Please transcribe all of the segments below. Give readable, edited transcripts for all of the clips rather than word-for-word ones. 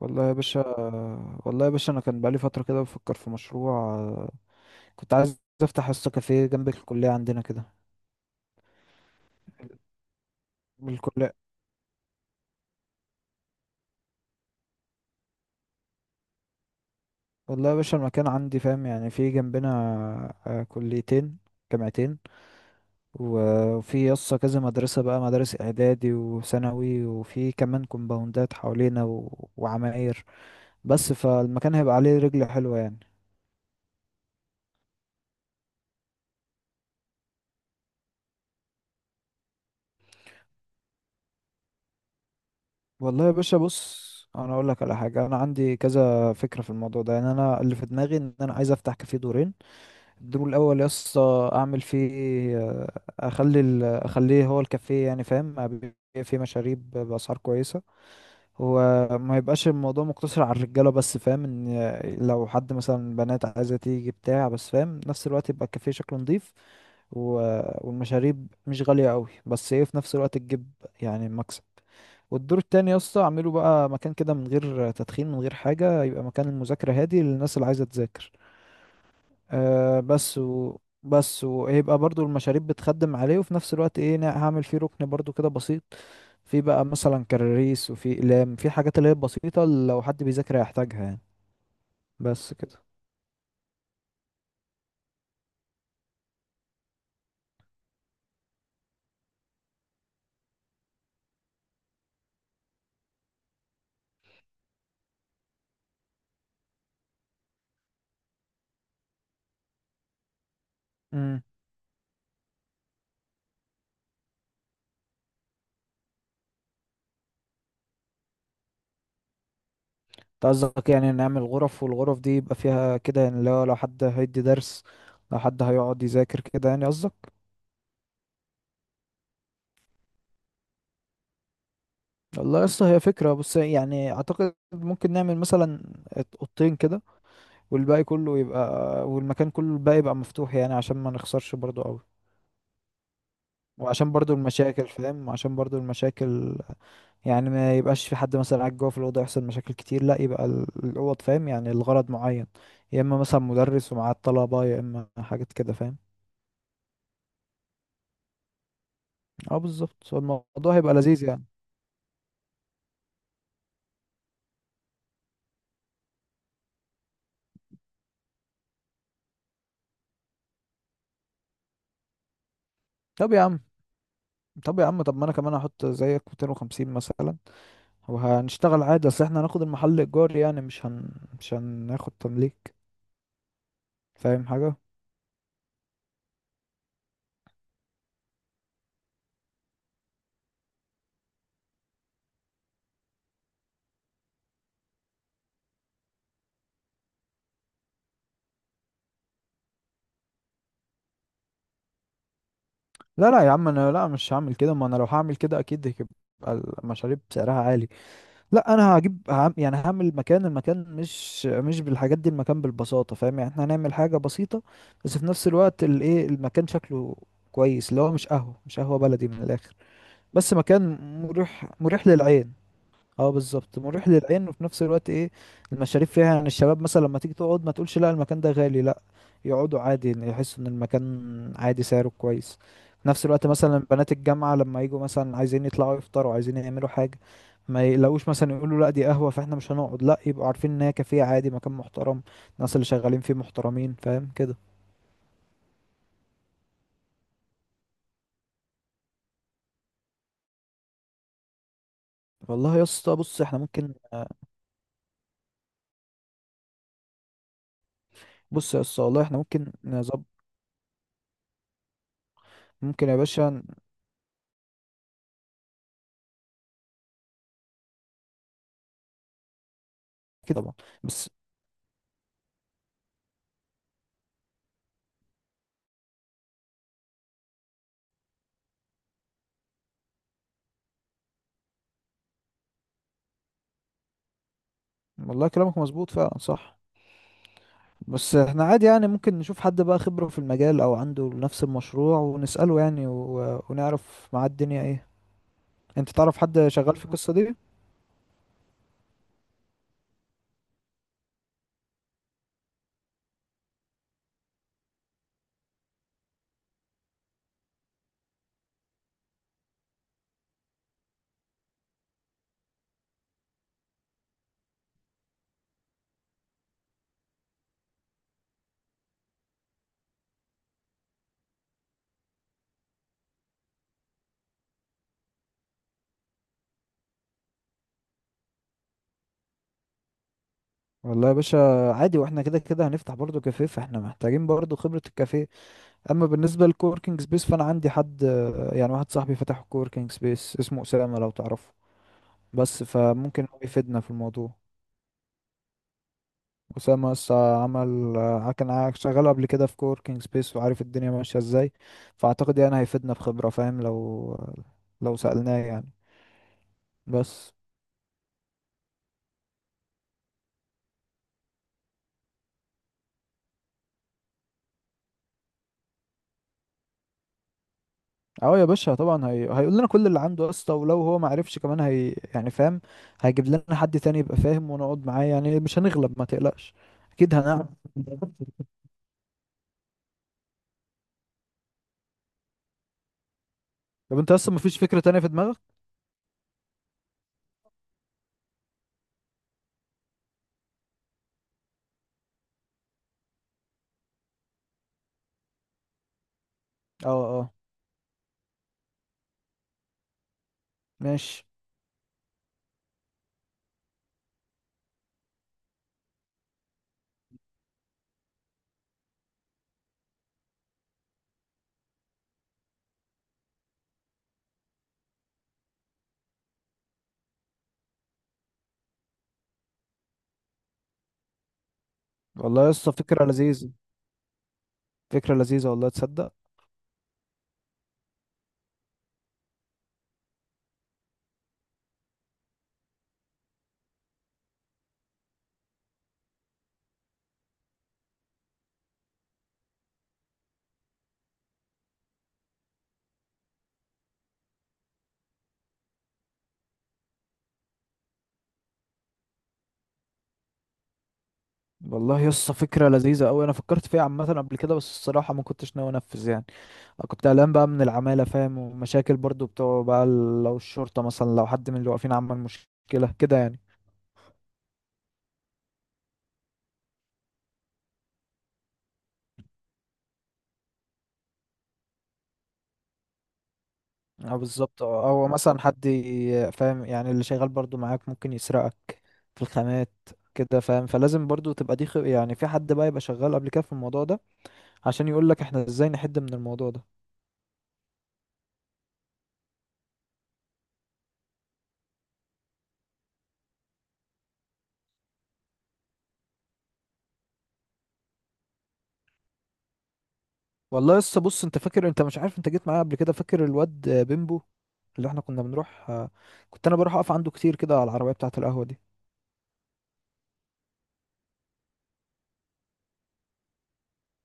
والله يا باشا. انا كان بقالي فتره كده بفكر في مشروع. كنت عايز افتح اسطى كافيه جنب الكليه عندنا كده. بالكليه. والله يا باشا المكان عندي فاهم، يعني في جنبنا كليتين، جامعتين. وفي يسطا كذا مدرسه، بقى مدارس اعدادي وثانوي، وفي كمان كومباوندات حوالينا وعماير. بس فالمكان هيبقى عليه رجل حلوه يعني. والله يا باشا بص، انا اقول لك على حاجه. انا عندي كذا فكره في الموضوع ده. يعني انا اللي في دماغي ان انا عايز افتح كافيه دورين. الدور الاول يا اسطى اعمل فيه آه، اخلي اخليه هو الكافيه، يعني فاهم، ابيع فيه مشاريب باسعار كويسه. هو ما يبقاش الموضوع مقتصر على الرجاله بس، فاهم؟ ان لو حد مثلا بنات عايزه تيجي بتاع، بس فاهم نفس الوقت يبقى الكافيه شكله نظيف والمشاريب مش غاليه قوي، بس ايه، في نفس الوقت تجيب يعني مكسب. والدور التاني يا اسطى اعمله بقى مكان كده من غير تدخين، من غير حاجه، يبقى مكان المذاكره هادي للناس اللي عايزه تذاكر. آه بس و بس ويبقى برضو المشاريب بتخدم عليه، وفي نفس الوقت ايه، هعمل فيه ركن برضو كده بسيط، في بقى مثلا كراريس، وفي اقلام، في حاجات اللي هي بسيطة لو حد بيذاكر هيحتاجها يعني. بس كده. امم، انت قصدك يعني نعمل غرف، والغرف دي يبقى فيها كده، يعني لو حد هيدي درس، لو حد هيقعد يذاكر كده، يعني قصدك؟ والله لسه هي فكرة، بس يعني اعتقد ممكن نعمل مثلا اوضتين كده، والباقي كله يبقى، والمكان كله الباقي يبقى مفتوح، يعني عشان ما نخسرش برضو قوي. وعشان برضو المشاكل فاهم، وعشان برضو المشاكل، يعني ما يبقاش في حد مثلا قاعد جوه في الأوضة يحصل مشاكل كتير، لا، يبقى الأوض فاهم يعني الغرض معين، يا إما مثلا مدرس ومعاه الطلبة، يا إما حاجات كده فاهم. اه بالظبط، هو الموضوع هيبقى لذيذ يعني. طب يا عم، طب ما أنا كمان هحط زيك 250 مثلا وهنشتغل عادي. أصل احنا هناخد المحل إيجار يعني، مش هناخد تمليك. فاهم حاجة؟ لا، يا عم أنا، لا، مش هعمل كده. ما أنا لو هعمل كده أكيد هيبقى المشاريب سعرها عالي. لا، انا هجيب يعني هعمل المكان. المكان مش بالحاجات دي. المكان بالبساطه فاهم، يعني احنا هنعمل حاجه بسيطه، بس في نفس الوقت الايه، المكان شكله كويس، اللي هو مش قهوه، مش قهوه بلدي من الاخر. بس مكان مريح، مريح للعين. اه بالظبط، مريح للعين، وفي نفس الوقت ايه، المشاريب فيها يعني الشباب مثلا لما تيجي تقعد ما تقولش لا المكان ده غالي، لا، يقعدوا عادي، يعني يحسوا ان المكان عادي سعره كويس. في نفس الوقت مثلا بنات الجامعة لما يجوا مثلا عايزين يطلعوا يفطروا، عايزين يعملوا حاجة، ما يلاقوش مثلا يقولوا لا دي قهوة فاحنا مش هنقعد، لا، يبقوا عارفين ان هي كافيه عادي، مكان محترم، الناس اللي شغالين فيه محترمين، فاهم كده؟ والله يا اسطى بص، احنا ممكن، بص يا اسطى والله احنا ممكن نظبط. ممكن يا باشا كده طبعا، بس والله كلامك مظبوط فعلا صح. بس احنا عادي يعني، ممكن نشوف حد بقى خبرة في المجال او عنده نفس المشروع ونسأله يعني، ونعرف معاه الدنيا ايه. انت تعرف حد شغال في القصة دي؟ والله يا باشا عادي، واحنا كده كده هنفتح برضه كافيه، فاحنا محتاجين برضه خبرة الكافيه. اما بالنسبة للكوركينج سبيس فانا عندي حد، يعني واحد صاحبي فتح كوركينج سبيس اسمه اسامة، لو تعرفه. بس فممكن هو يفيدنا في الموضوع. أسامة لسه عمل، كان شغال قبل كده في كوركينج سبيس وعارف الدنيا ماشية ازاي، فأعتقد يعني هيفيدنا بخبرة فاهم، لو سألناه يعني. بس اه يا باشا طبعا، هيقول لنا كل اللي عنده اصلا، ولو هو ما عرفش كمان هي يعني فاهم، هيجيب لنا حد تاني يبقى فاهم، ونقعد معاه يعني مش هنغلب ما تقلقش، اكيد هنعمل. طب انت اصلا مفيش فكرة تانية في دماغك؟ اه اه، ماشي. والله يا اسطى فكرة لذيذة، والله تصدق. والله يسطا فكرة لذيذة أوي، أنا فكرت فيها عامة قبل كده، بس الصراحة ما كنتش ناوي أنفذ يعني. أنا كنت قلقان بقى من العمالة فاهم، ومشاكل برضو بتوع بقى لو الشرطة مثلا، لو حد من اللي واقفين عمل مشكلة كده يعني. أه بالظبط، أه، أو مثلا حد فاهم يعني، اللي شغال برضو معاك ممكن يسرقك في الخامات كده فاهم، فلازم برضو تبقى دي يعني في حد بقى يبقى شغال قبل كده في الموضوع ده، عشان يقولك احنا ازاي نحد من الموضوع ده. والله لسه بص، انت فاكر، انت مش عارف، انت جيت معايا قبل كده، فاكر الواد بيمبو اللي احنا كنا بنروح، كنت انا بروح اقف عنده كتير كده على العربية بتاعة القهوة دي.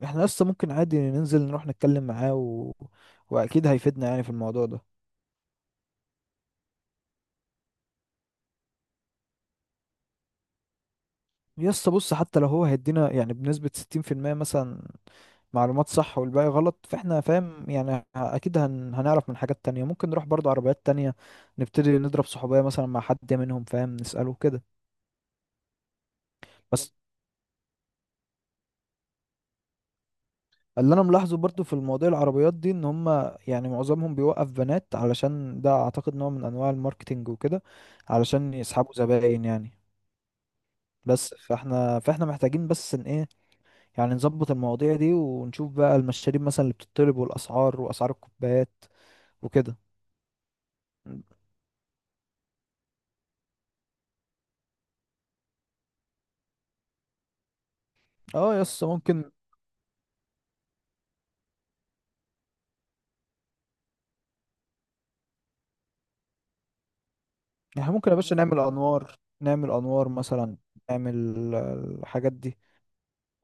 احنا لسه ممكن عادي ننزل نروح نتكلم معاه واكيد هيفيدنا يعني في الموضوع ده. لسه بص، حتى لو هو هيدينا يعني بنسبة 60% مثلا معلومات صح والباقي غلط، فاحنا فاهم يعني اكيد هنعرف من حاجات تانية، ممكن نروح برضو عربيات تانية نبتدي نضرب صحوبية مثلا مع حد منهم فاهم، نسأله كده. بس اللي انا ملاحظه برضو في المواضيع العربيات دي ان هم، يعني معظمهم بيوقف بنات، علشان ده اعتقد نوع من انواع الماركتينج وكده علشان يسحبوا زباين يعني. بس فاحنا محتاجين بس ان ايه، يعني نظبط المواضيع دي، ونشوف بقى المشاريب مثلا اللي بتطلب والاسعار، واسعار الكوبايات وكده. اه يس ممكن. احنا ممكن يا باشا نعمل انوار، نعمل انوار مثلا، نعمل الحاجات دي.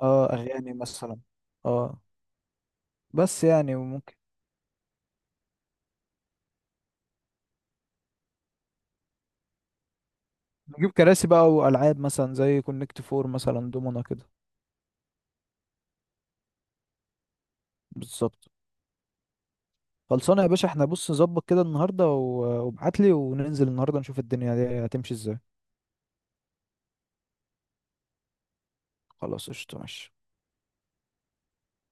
اه اغاني مثلا. اه بس يعني، وممكن نجيب كراسي بقى، والعاب مثلا زي كونكت فور مثلا، دومنا كده. بالظبط. خلصانه يا باشا، احنا بص نظبط كده النهارده وابعت لي، وننزل النهارده نشوف الدنيا دي هتمشي ازاي. خلاص قشطه ماشي.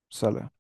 سلام.